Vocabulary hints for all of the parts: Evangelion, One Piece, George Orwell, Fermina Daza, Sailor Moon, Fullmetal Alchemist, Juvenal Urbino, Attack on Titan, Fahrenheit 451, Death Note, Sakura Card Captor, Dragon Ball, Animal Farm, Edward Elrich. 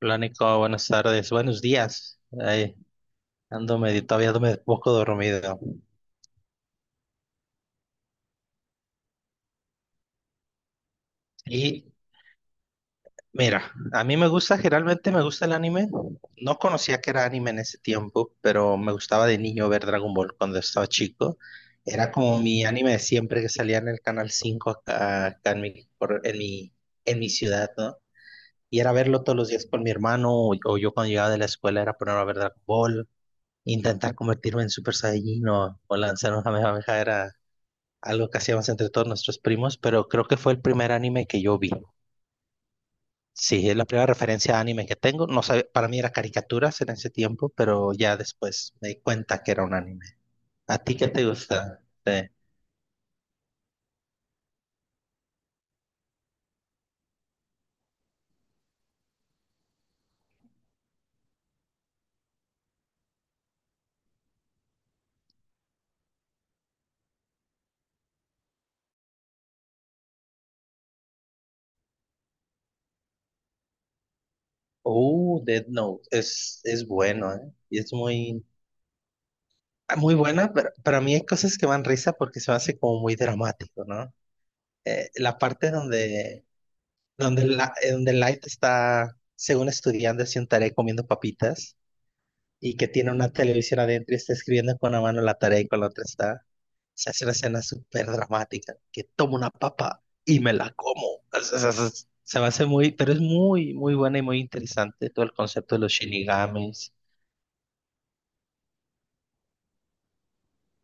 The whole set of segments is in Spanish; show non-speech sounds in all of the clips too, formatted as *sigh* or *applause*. Hola Nico, buenas tardes, buenos días. Ay, todavía ando medio poco dormido. Y mira, a mí me gusta, generalmente me gusta el anime. No conocía que era anime en ese tiempo, pero me gustaba de niño ver Dragon Ball cuando estaba chico. Era como mi anime de siempre que salía en el Canal 5 acá en mi, por- en mi ciudad, ¿no? Y era verlo todos los días con mi hermano o yo cuando llegaba de la escuela era ponerme a ver Dragon Ball, intentar convertirme en Super Saiyajin o lanzar una Kamehameha era algo que hacíamos entre todos nuestros primos, pero creo que fue el primer anime que yo vi. Sí, es la primera referencia a anime que tengo. No sabía, para mí era caricaturas en ese tiempo, pero ya después me di cuenta que era un anime. ¿A ti qué te gusta? Sí. Oh, Death Note. Es bueno, ¿eh? Y es muy, muy buena, pero para mí hay cosas que me dan risa porque se me hace como muy dramático, ¿no? La parte donde Light está, según estudiando, así un tarea comiendo papitas y que tiene una televisión adentro y está escribiendo con una mano la tarea y con la otra está. Se hace una escena súper dramática, que tomo una papa y me la como. Se me hace muy, pero es muy, muy buena y muy interesante todo el concepto de los shinigamis.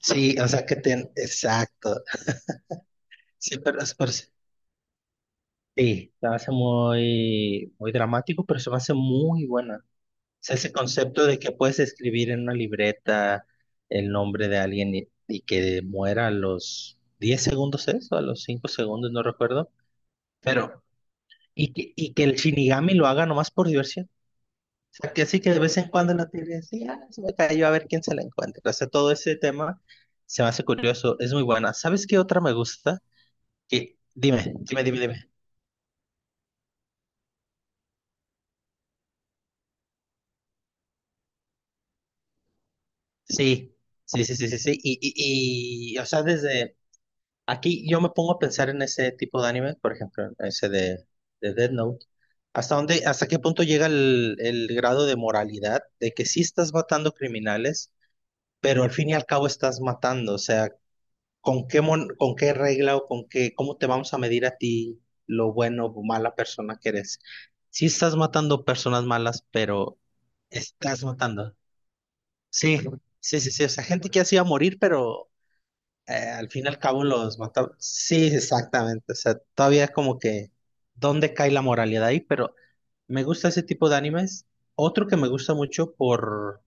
Sí, o sea que exacto. Sí, pero sí, sí, se me hace muy, muy dramático, pero se me hace muy buena. Sea, ese concepto de que puedes escribir en una libreta el nombre de alguien y que muera a los 10 segundos, ¿es? O a los 5 segundos, no recuerdo. Pero, y que el Shinigami lo haga nomás por diversión. O sea, que así que de vez en cuando la tele así, se me cayó a ver quién se la encuentra. O sea, todo ese tema se me hace curioso, es muy buena. ¿Sabes qué otra me gusta? Que, dime, dime, dime, dime. Sí, sí, sí, sí, sí, sí. Y, o sea, desde aquí yo me pongo a pensar en ese tipo de anime, por ejemplo, en ese de Death Note. ¿Hasta dónde, hasta qué punto llega el grado de moralidad de que sí estás matando criminales, pero al fin y al cabo estás matando? O sea, ¿con qué regla o cómo te vamos a medir a ti lo bueno o mala persona que eres? Sí estás matando personas malas, pero estás matando. Sí, sí, sí, sí. O sea, gente que así iba a morir, pero al fin y al cabo los mataron. Sí, exactamente. O sea, todavía es como que dónde cae la moralidad ahí, pero me gusta ese tipo de animes. Otro que me gusta mucho por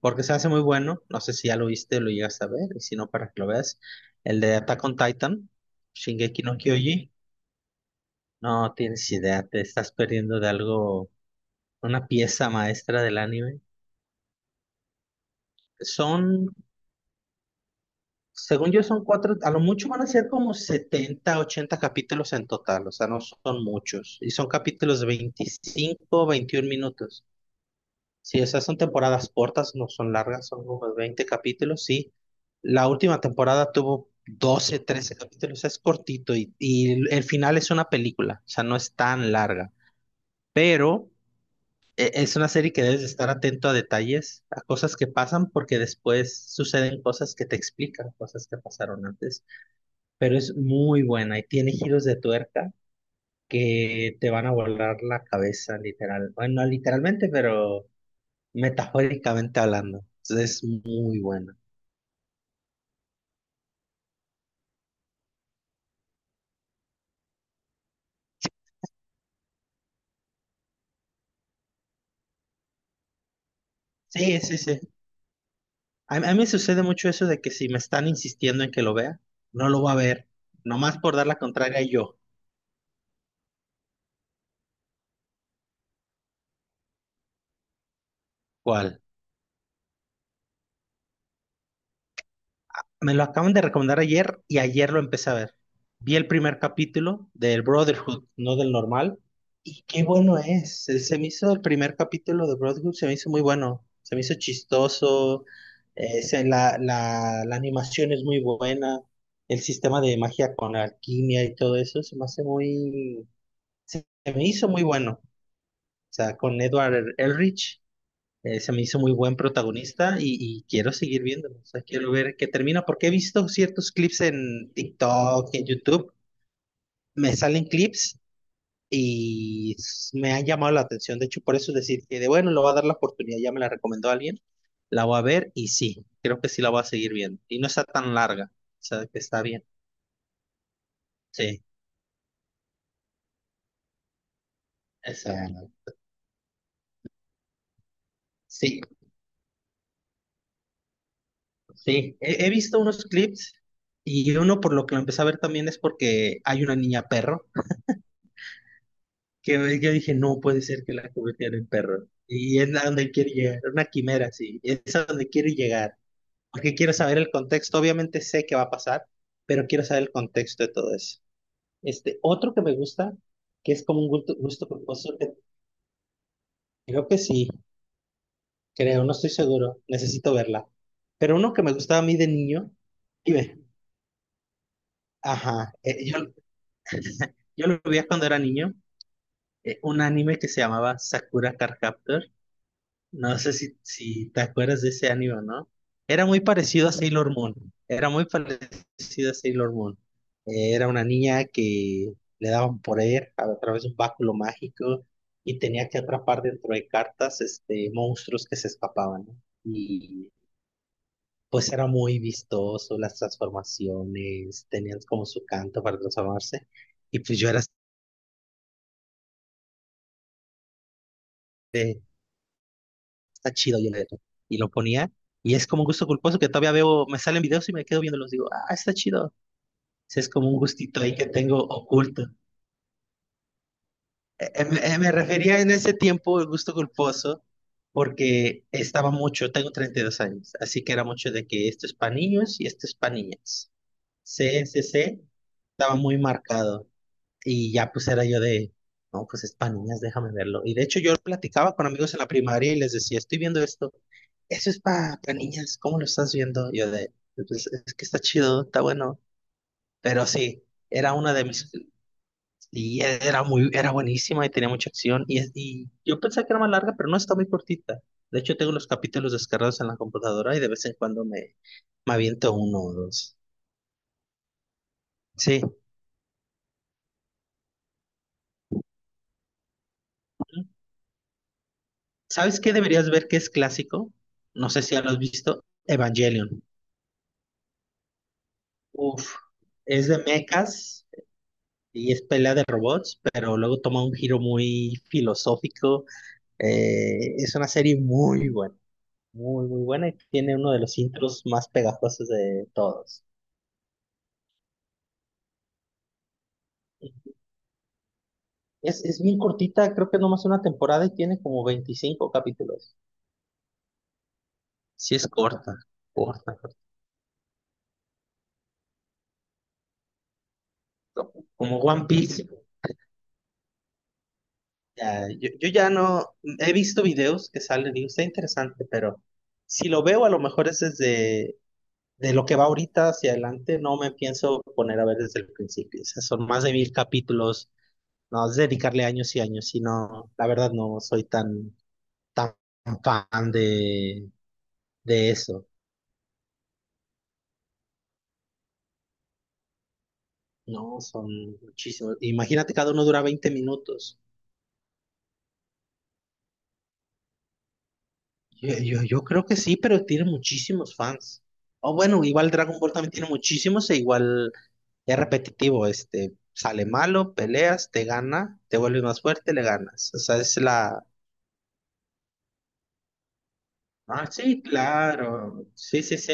porque se hace muy bueno, no sé si ya lo viste, o lo llegas a ver, y si no, para que lo veas, el de Attack on Titan, Shingeki no Kyoji. No tienes idea, te estás perdiendo de algo, una pieza maestra del anime. Son Según yo son cuatro, a lo mucho van a ser como 70, 80 capítulos en total, o sea, no son muchos. Y son capítulos de 25, 21 minutos. Sí, o sea, son temporadas cortas, no son largas, son como 20 capítulos, sí. La última temporada tuvo 12, 13 capítulos, o sea, es cortito y el final es una película, o sea, no es tan larga. Pero es una serie que debes de estar atento a detalles, a cosas que pasan, porque después suceden cosas que te explican cosas que pasaron antes, pero es muy buena y tiene giros de tuerca que te van a volar la cabeza, literal. Bueno, no literalmente, pero metafóricamente hablando. Entonces, es muy buena. Sí, sí, sí. A mí me sucede mucho eso de que si me están insistiendo en que lo vea, no lo voy a ver. Nomás por dar la contraria yo. ¿Cuál? Me lo acaban de recomendar ayer y ayer lo empecé a ver. Vi el primer capítulo del Brotherhood, no del normal, y qué bueno es. Se me hizo el primer capítulo de Brotherhood, se me hizo muy bueno, se me hizo chistoso, la animación es muy buena, el sistema de magia con alquimia y todo eso se me hizo muy bueno. O sea, con Edward Elrich se me hizo muy buen protagonista y quiero seguir viéndolo. O sea, quiero ver qué termina, porque he visto ciertos clips en TikTok, en YouTube, me salen clips y me han llamado la atención. De hecho, por eso es decir que de bueno, lo va a dar la oportunidad, ya me la recomendó alguien, la voy a ver y sí, creo que sí la voy a seguir viendo. Y no está tan larga, o sea, que está bien. Sí, exacto, sí, sí. He visto unos clips y uno por lo que lo empecé a ver también es porque hay una niña perro, que yo dije, no puede ser que la convirtiera en perro. Y es a donde quiere llegar, una quimera, sí, es a donde quiero llegar. Porque quiero saber el contexto, obviamente sé qué va a pasar, pero quiero saber el contexto de todo eso. Este, otro que me gusta, que es como un gusto culposo, que creo que sí, creo, no estoy seguro, necesito verla. Pero uno que me gustaba a mí de niño, y ve, ajá, yo lo veía cuando era niño, un anime que se llamaba Sakura Card Captor. No sé si te acuerdas de ese anime, o ¿no? Era muy parecido a Sailor Moon. Era muy parecido a Sailor Moon. Era una niña que le daban poder a través de un báculo mágico y tenía que atrapar dentro de cartas, monstruos que se escapaban, ¿no? Y pues era muy vistoso, las transformaciones, tenían como su canto para transformarse. Y pues yo era este está chido, yo le y lo ponía, y es como un gusto culposo que todavía veo, me salen videos y me quedo viéndolos, digo, ah, está chido. Ese es como un gustito ahí que tengo oculto. Me refería en ese tiempo el gusto culposo porque estaba mucho, tengo 32 años, así que era mucho de que esto es para niños y esto es para niñas. CNCC estaba muy marcado, y ya pues era yo de, no, pues es para niñas, déjame verlo. Y de hecho yo platicaba con amigos en la primaria y les decía, estoy viendo esto. Eso es para niñas, ¿cómo lo estás viendo? Yo de, pues, es que está chido, está bueno, pero sí, era una de mis, y era muy, era buenísima y tenía mucha acción, y yo pensé que era más larga, pero no, está muy cortita. De hecho, tengo los capítulos descargados en la computadora y de vez en cuando me aviento uno o dos. Sí. ¿Sabes qué deberías ver que es clásico? No sé si ya lo has visto, Evangelion. Uf, es de mechas y es pelea de robots, pero luego toma un giro muy filosófico. Es una serie muy buena, muy, muy buena y tiene uno de los intros más pegajosos de todos. Es bien cortita, creo que nomás una temporada y tiene como 25 capítulos. Sí, es corta, corta. Como One Piece. Ya, yo ya no he visto videos que salen, digo, está interesante, pero si lo veo, a lo mejor es desde de lo que va ahorita hacia adelante, no me pienso poner a ver desde el principio. O sea, son más de mil capítulos. No, es dedicarle años y años, si no, la verdad no soy tan, tan fan de eso. No, son muchísimos. Imagínate, cada uno dura 20 minutos. Yo creo que sí, pero tiene muchísimos fans. O bueno, igual Dragon Ball también tiene muchísimos e igual es repetitivo, sale malo, peleas, te gana, te vuelves más fuerte, le ganas. O sea, es la. Ah, sí, claro. Sí, sí, sí.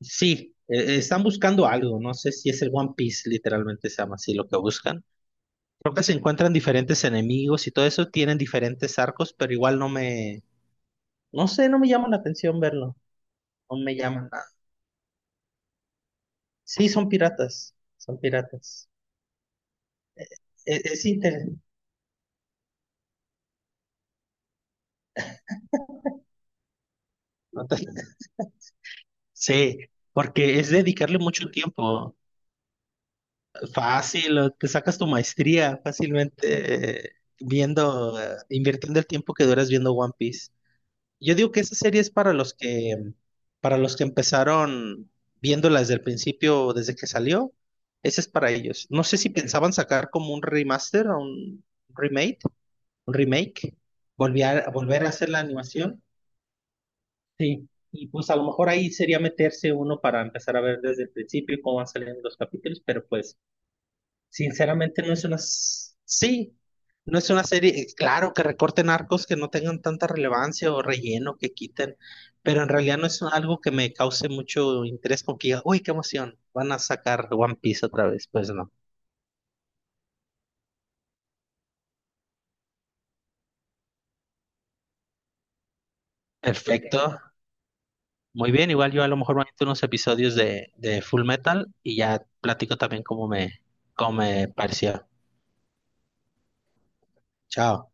Sí, están buscando algo, no sé si es el One Piece, literalmente se llama así lo que buscan. Creo que se encuentran diferentes enemigos y todo eso, tienen diferentes arcos, pero igual no me, no sé, no me llama la atención verlo, no me llama nada. Sí, son piratas, son piratas. Es interesante. *laughs* Sí, porque es dedicarle mucho tiempo, fácil, o te sacas tu maestría fácilmente, viendo, invirtiendo el tiempo que duras viendo One Piece. Yo digo que esa serie es para los que empezaron viéndola desde el principio, desde que salió. Esa es para ellos. No sé si pensaban sacar como un remaster o un remake, remake, volver a hacer la animación. Sí. Y pues a lo mejor ahí sería meterse uno para empezar a ver desde el principio cómo van saliendo los capítulos. Pero pues sinceramente, no es una... s- sí, no es una serie, claro, que recorten arcos que no tengan tanta relevancia o relleno que quiten, pero en realidad no es algo que me cause mucho interés, como que diga, uy, qué emoción, van a sacar One Piece otra vez, pues no. Ok. Perfecto, muy bien, igual yo a lo mejor me meto unos episodios de Full Metal y ya platico también cómo me pareció. Chao.